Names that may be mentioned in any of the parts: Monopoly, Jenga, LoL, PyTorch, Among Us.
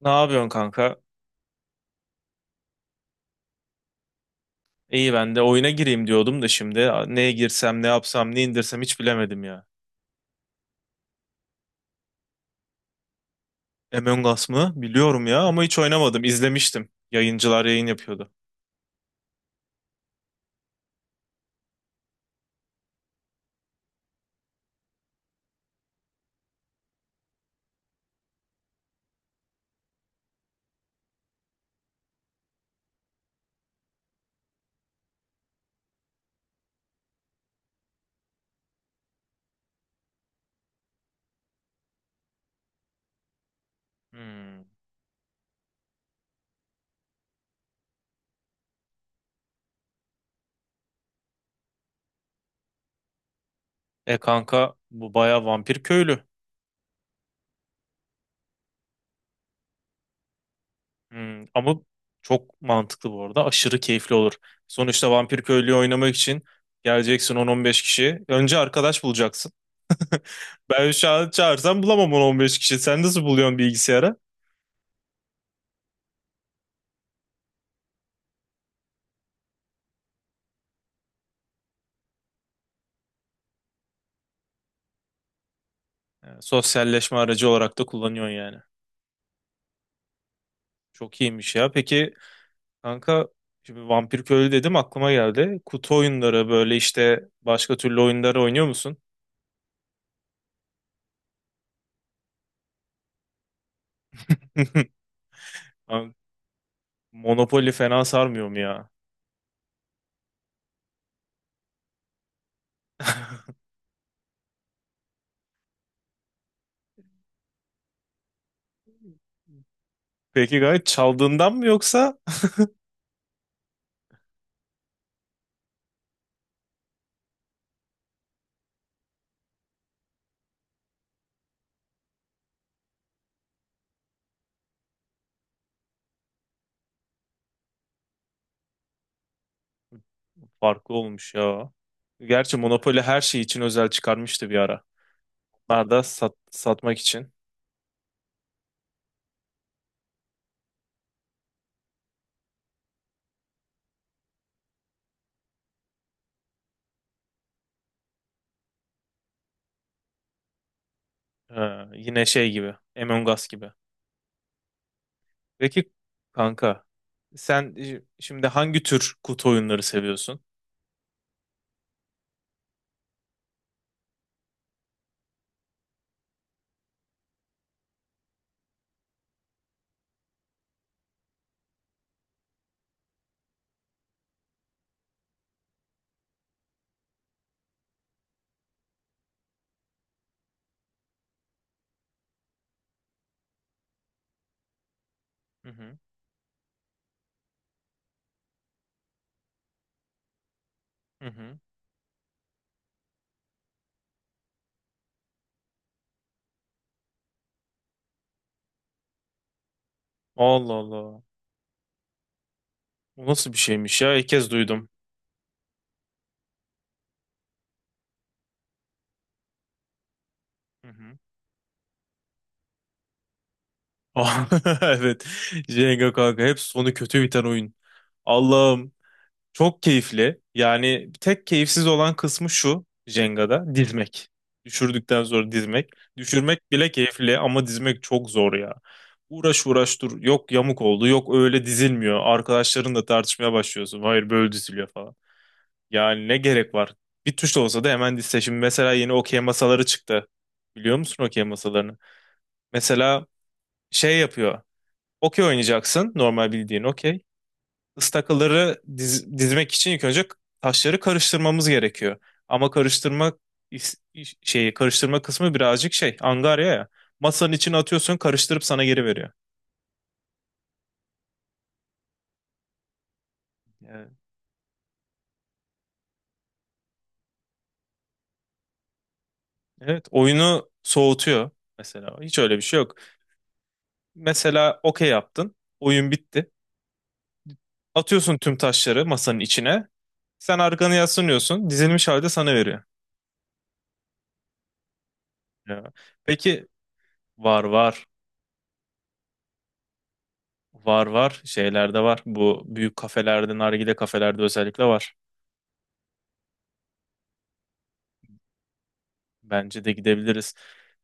Ne yapıyorsun kanka? İyi ben de oyuna gireyim diyordum da şimdi neye girsem, ne yapsam, ne indirsem hiç bilemedim ya. Among Us mı? Biliyorum ya ama hiç oynamadım. İzlemiştim. Yayıncılar yayın yapıyordu. Hmm. E kanka bu baya vampir köylü. Hmm. Ama çok mantıklı bu arada. Aşırı keyifli olur. Sonuçta vampir köylüyü oynamak için geleceksin 10-15 kişi. Önce arkadaş bulacaksın. Ben şu an çağırsam bulamam 10-15 kişi. Sen nasıl buluyorsun bilgisayara? Sosyalleşme aracı olarak da kullanıyorsun yani. Çok iyiymiş ya. Peki kanka şimdi Vampir Köylü dedim aklıma geldi. Kutu oyunları böyle işte başka türlü oyunları oynuyor musun? Abi, Monopoly fena sarmıyor mu ya? Peki gayet çaldığından mı yoksa? Farklı olmuş ya. Gerçi Monopoly her şey için özel çıkarmıştı bir ara. Onlar da satmak için. Ha, yine şey gibi. Among Us gibi. Peki kanka sen şimdi hangi tür kutu oyunları seviyorsun? Hı hı. Hı hı. Allah Allah. Bu nasıl bir şeymiş ya? İlk kez duydum. Hı hı. Ah, evet. Jenga kanka hep sonu kötü biten oyun. Allah'ım. Çok keyifli. Yani tek keyifsiz olan kısmı şu Jenga'da dizmek. Düşürdükten sonra dizmek. Düşürmek bile keyifli ama dizmek çok zor ya. Uğraş uğraş dur. Yok yamuk oldu. Yok öyle dizilmiyor. Arkadaşlarınla tartışmaya başlıyorsun. Hayır böyle diziliyor falan. Yani ne gerek var? Bir tuşla olsa da hemen dizse. Şimdi mesela yeni okey masaları çıktı. Biliyor musun okey masalarını? Mesela şey yapıyor. Okey oynayacaksın. Normal bildiğin okey ıstakaları dizmek için ilk önce taşları karıştırmamız gerekiyor. Ama karıştırma şeyi karıştırma kısmı birazcık şey angarya ya. Masanın içine atıyorsun karıştırıp sana geri veriyor. Evet. Evet oyunu soğutuyor mesela. Hiç öyle bir şey yok. Mesela okey yaptın. Oyun bitti. Atıyorsun tüm taşları masanın içine. Sen arkanı yaslanıyorsun. Dizilmiş halde sana veriyor. Ya. Peki var var. Var var. Şeylerde var. Bu büyük kafelerde, nargile kafelerde özellikle var. Bence de gidebiliriz.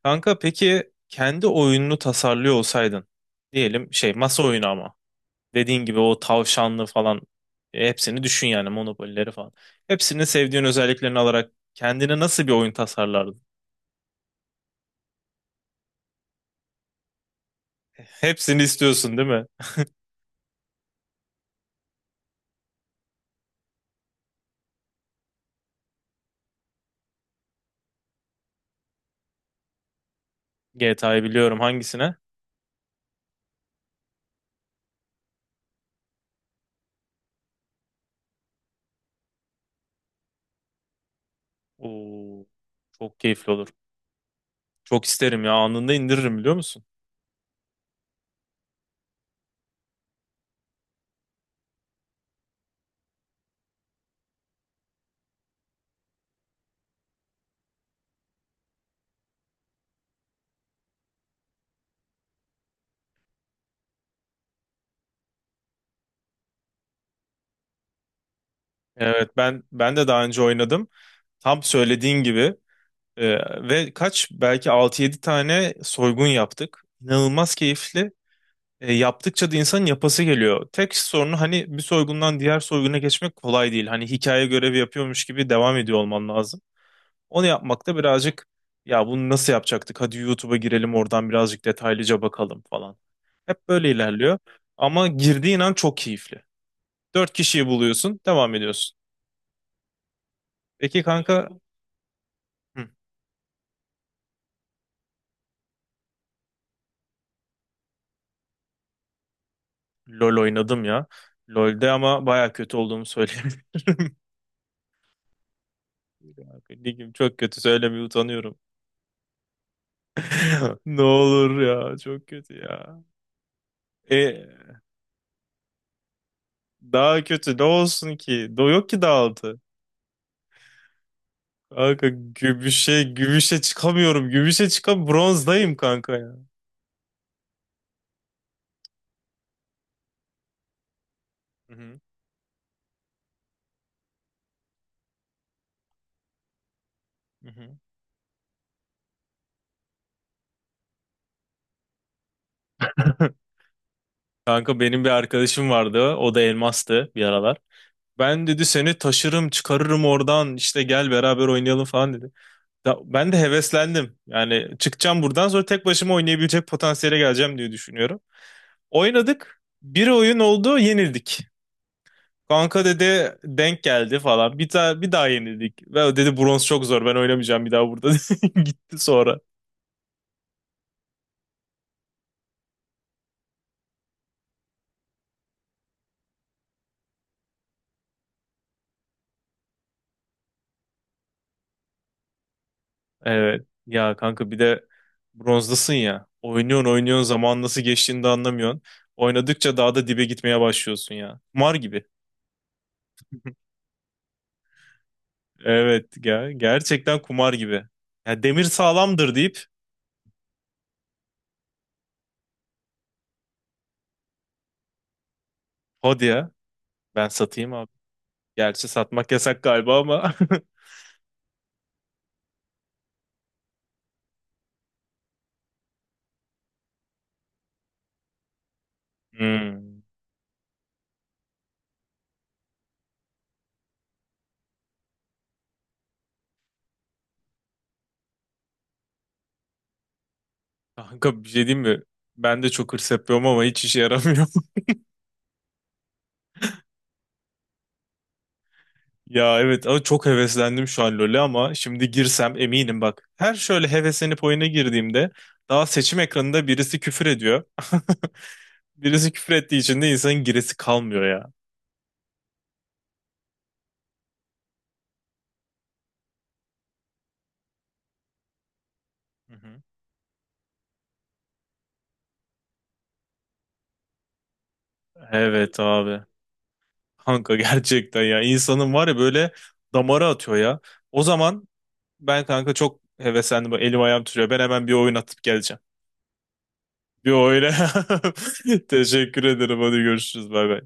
Kanka peki kendi oyununu tasarlıyor olsaydın diyelim şey masa oyunu ama dediğin gibi o tavşanlı falan hepsini düşün yani Monopoly'leri falan. Hepsini sevdiğin özelliklerini alarak kendine nasıl bir oyun tasarlardın? Hepsini istiyorsun değil mi? GTA'yı biliyorum hangisine? Oo, çok keyifli olur. Çok isterim ya anında indiririm biliyor musun? Evet ben de daha önce oynadım. Tam söylediğin gibi Ee, ve kaç belki altı yedi tane soygun yaptık. İnanılmaz keyifli. Yaptıkça da insanın yapası geliyor. Tek sorunu hani bir soygundan diğer soyguna geçmek kolay değil. Hani hikaye görevi yapıyormuş gibi devam ediyor olman lazım. Onu yapmakta birazcık ya bunu nasıl yapacaktık? Hadi YouTube'a girelim oradan birazcık detaylıca bakalım falan. Hep böyle ilerliyor. Ama girdiğin an çok keyifli. Dört kişiyi buluyorsun, devam ediyorsun. Peki kanka, hı. LoL oynadım ya. LoL'de ama baya kötü olduğumu söyleyebilirim. Ligim çok kötü söylemeye utanıyorum. Ne olur ya çok kötü ya. E daha kötü ne olsun ki? Do yok ki daha altı. Kanka gümüşe gümüşe çıkamıyorum. Gümüşe çıkam bronzdayım kanka ya. Hı hı, hı hı. Kanka benim bir arkadaşım vardı. O da elmastı bir aralar. Ben dedi seni taşırım çıkarırım oradan işte gel beraber oynayalım falan dedi. Ben de heveslendim. Yani çıkacağım buradan sonra tek başıma oynayabilecek potansiyele geleceğim diye düşünüyorum. Oynadık. Bir oyun oldu, yenildik. Kanka dedi denk geldi falan. Bir daha bir daha yenildik. Ve o dedi bronz çok zor. Ben oynamayacağım bir daha burada. Gitti sonra. Evet. Ya kanka bir de bronzdasın ya. Oynuyorsun oynuyorsun zaman nasıl geçtiğini de anlamıyorsun. Oynadıkça daha da dibe gitmeye başlıyorsun ya. Kumar gibi. Evet ya gerçekten kumar gibi. Ya demir sağlamdır deyip hadi ya. Ben satayım abi. Gerçi satmak yasak galiba ama. Hmm. Kanka bir şey diyeyim mi? Ben de çok hırs yapıyorum ama hiç işe yaramıyor. Ya evet ama çok heveslendim şu an LoL'e ama şimdi girsem eminim bak. Her şöyle heveslenip oyuna girdiğimde daha seçim ekranında birisi küfür ediyor. Birisi küfür ettiği için de insanın giresi kalmıyor ya. Hı hı. Evet abi. Kanka gerçekten ya insanın var ya böyle damara atıyor ya. O zaman ben kanka çok heveslendim. Bak elim ayağım tutuyor. Ben hemen bir oyun atıp geleceğim. Bir oyuna. Teşekkür ederim. Hadi görüşürüz. Bay bay.